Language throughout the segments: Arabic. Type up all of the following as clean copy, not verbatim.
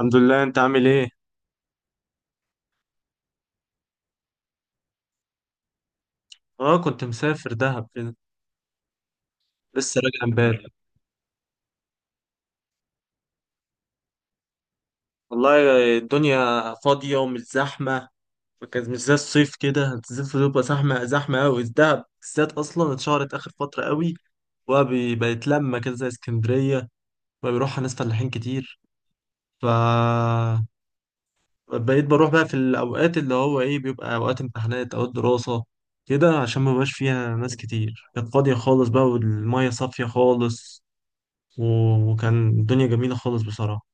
الحمد لله، انت عامل ايه؟ اه كنت مسافر دهب كده. لسه راجع امبارح. والله الدنيا فاضيه ومش زحمه، فكانت مش زي الصيف كده. الصيف بتبقى زحمه زحمه قوي، دهب بالذات اصلا اتشهرت اخر فتره قوي، وبقى بقت لما كده زي اسكندريه، بقى بيروحها ناس فلاحين كتير. ف بقيت بروح بقى في الاوقات اللي هو ايه بيبقى اوقات امتحانات، اوقات دراسه كده، عشان ما بقاش فيها ناس كتير. كانت فاضيه خالص بقى، والميه صافيه خالص، و- وكان الدنيا جميلة خالص بصراحة.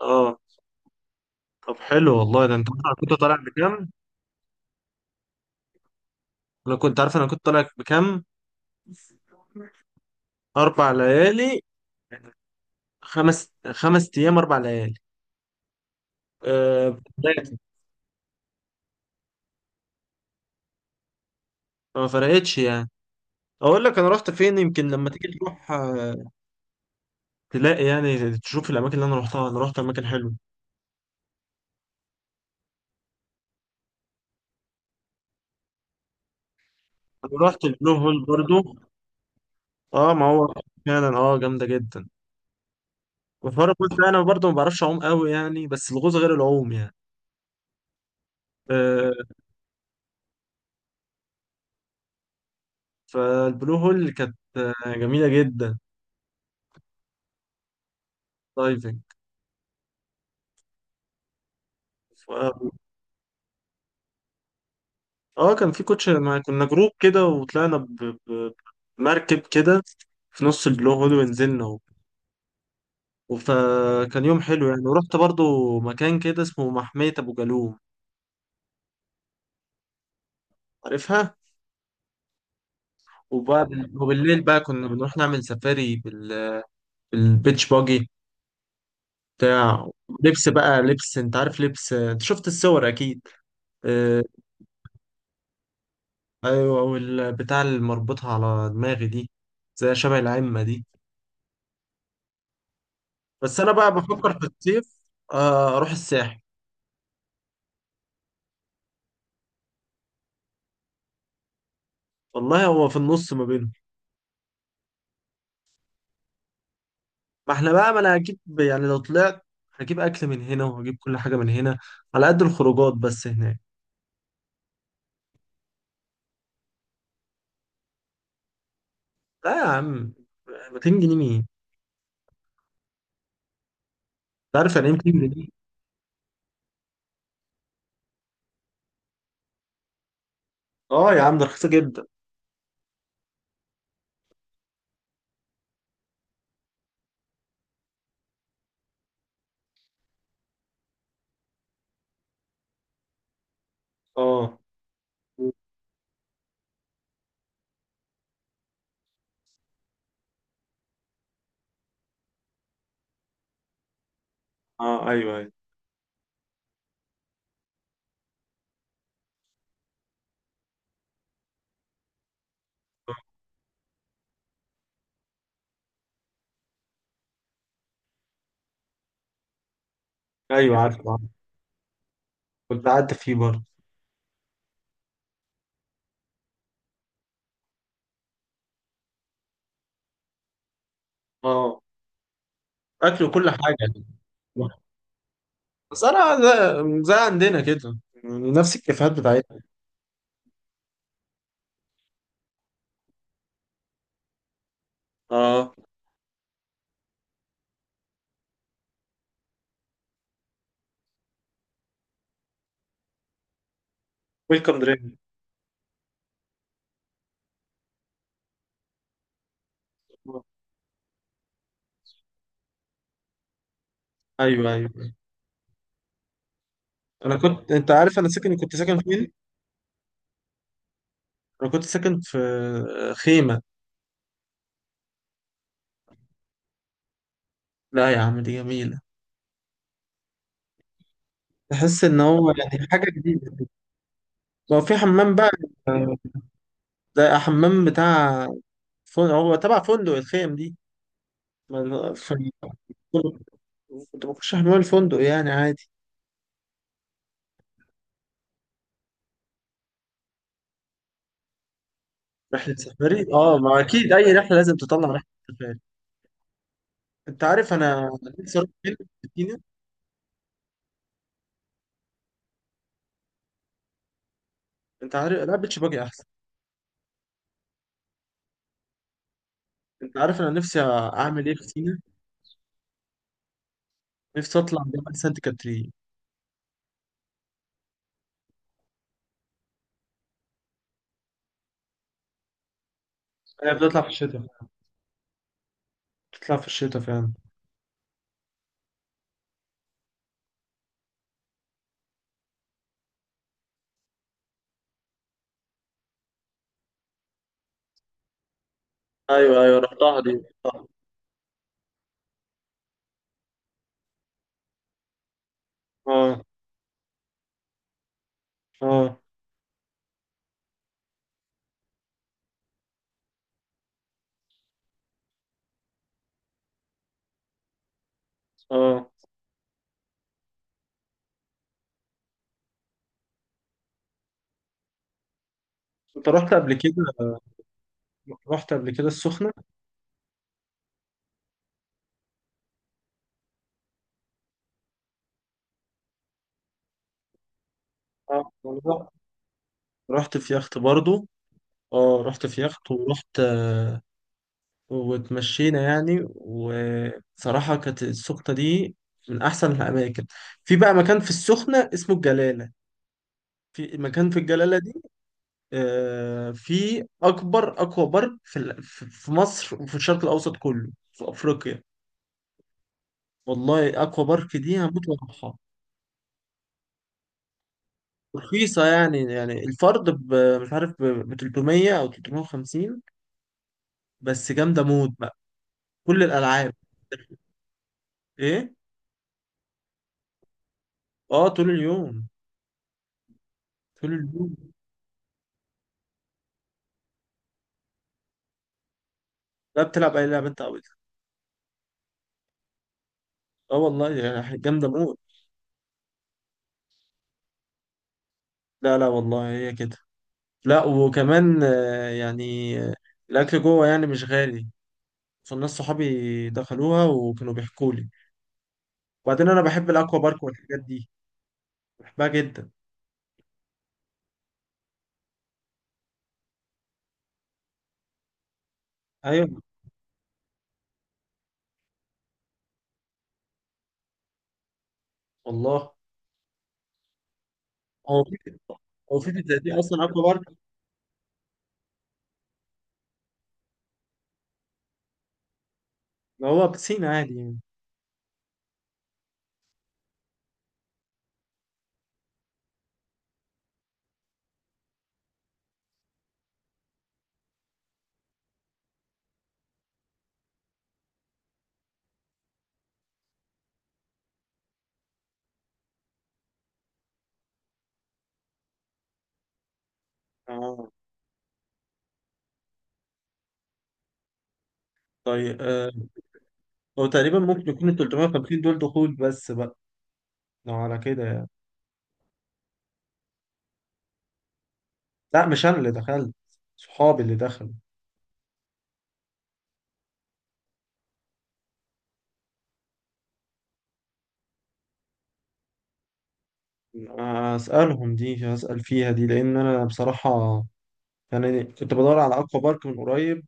اه طب حلو والله. ده انت عارف انا كنت طالع بكام؟ انا كنت عارف انا كنت طالع بكام. اربع ليالي، خمس، خمس ايام اربع ليالي. آه، بتاعتي. ما فرقتش يعني. اقول لك انا رحت فين يمكن لما تيجي تروح، آه، تلاقي يعني تشوف الاماكن اللي انا رحتها. انا رحت اماكن حلوه، انا رحت البلو هول برضو. اه ما هو فعلا اه جامده جدا. وفرق، قلت انا برضو ما بعرفش اعوم قوي يعني، بس الغوص غير العوم يعني. آه، فالبلو هول كانت جميلة جدا. دايفنج. ف... اه كان في كنا جروب كده، وطلعنا بمركب كده في نص البلو هول ونزلنا فكان يوم حلو يعني. ورحت برضو مكان كده اسمه محمية أبو جالوم، عارفها. وبعد وبالليل بقى كنا بنروح نعمل سفاري بالبيتش باجي بتاع، لبس بقى لبس، انت عارف لبس، انت شفت الصور اكيد. آه، ايوه والبتاع اللي مربوطها على دماغي دي زي شبه العمة دي. بس انا بقى بفكر في الصيف. آه، اروح الساحل. والله هو في النص ما بينهم. ما احنا بقى، ما انا هجيب يعني لو طلعت، هجيب اكل من هنا وهجيب كل حاجة من هنا، على قد الخروجات بس هناك. لا يا عم، 200 جنيه مين؟ انت عارف يعني ايه 200 جنيه دي؟ اه يا عم، ده رخيصة جدا. اه. اه ايوه ايوه. ايوه عارف عارف. كنت قعدت فيه برضه. اه، اكل وكل حاجة يعني. بس انا زي عندنا كده، يعني نفس الكافيهات بتاعتنا. اه ويلكم درينك. ايوه ايوه. انا كنت، انت عارف انا ساكن كنت ساكن فين؟ انا كنت ساكن في خيمه. لا يا عم دي جميله، تحس ان هو يعني حاجه جديده. هو في حمام بقى، ده حمام بتاع فندق، هو تبع فندق الخيم دي. ما- في- كنت بخش حمام الفندق يعني عادي. رحله سفاري، اه ما اكيد اي رحله لازم تطلع رحله سفاري. انت عارف انا نفسي اروح فين؟ انت عارف، لا بيتش باجي احسن. انت عارف انا نفسي اعمل ايه في سينا؟ نفسي اطلع جبل سانت كاترين. هي بتطلع في الشتاء، بتطلع في الشتاء فعلا. ايوه ايوه، رحتها دي، رحتها. اه اه اه. انت رحت قبل كده؟ رحت قبل كده السخنة؟ اه أنا رحت، رحت في يخت برضو. اه رحت في يخت ورحت، آه، واتمشينا يعني. وصراحة كانت السخنة دي من أحسن الأماكن. في بقى مكان في السخنة اسمه الجلالة، في مكان في الجلالة دي، آه، في اكبر اكوا بارك في في مصر وفي الشرق الاوسط كله، في افريقيا. والله اكوا بارك دي هموت واروحها. رخيصه يعني، يعني الفرد مش عارف ب 300 او 350. بس جامده موت بقى، كل الالعاب. ايه؟ اه طول اليوم، طول اليوم. لا بتلعب اي لعبه انت عاوزها. اه والله يعني جامده موت. لا والله هي كده. لا وكمان، آه، يعني، آه، الاكل جوه يعني مش غالي. فالناس صحابي دخلوها وكانوا بيحكوا لي. وبعدين انا بحب الاكوا بارك والحاجات دي، بحبها جدا. ايوه والله. هو في هو في زي دي اصلا اكوا بارك؟ ما هو بسين عادي يعني. اه. طيب آه. هو تقريبا ممكن يكون ال 350 دول دخول بس بقى، لو على كده يعني. لا مش انا اللي دخلت، صحابي اللي دخلوا. اسالهم دي، اسال فيها دي، لان انا بصراحه يعني كنت بدور على اكوا بارك من قريب،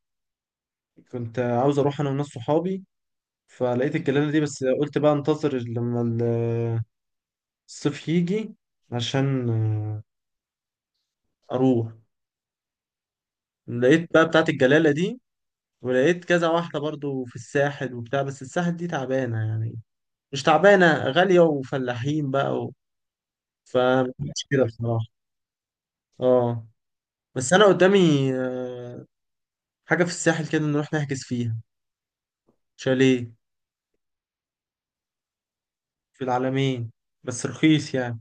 كنت عاوز اروح انا وناس صحابي. فلقيت الجلالة دي بس قلت بقى انتظر لما الصيف يجي عشان، آه، اروح. لقيت بقى بتاعت الجلالة دي، ولقيت كذا واحدة برضو في الساحل وبتاع، بس الساحل دي تعبانة يعني، مش تعبانة غالية وفلاحين بقى، فمش كده بصراحة. اه. بس انا قدامي، آه، حاجة في الساحل كده نروح نحجز فيها شاليه، في العلمين، بس رخيص يعني.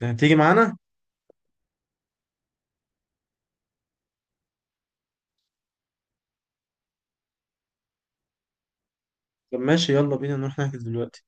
يعني تيجي معانا. طب ماشي يلا بينا نروح نحجز دلوقتي.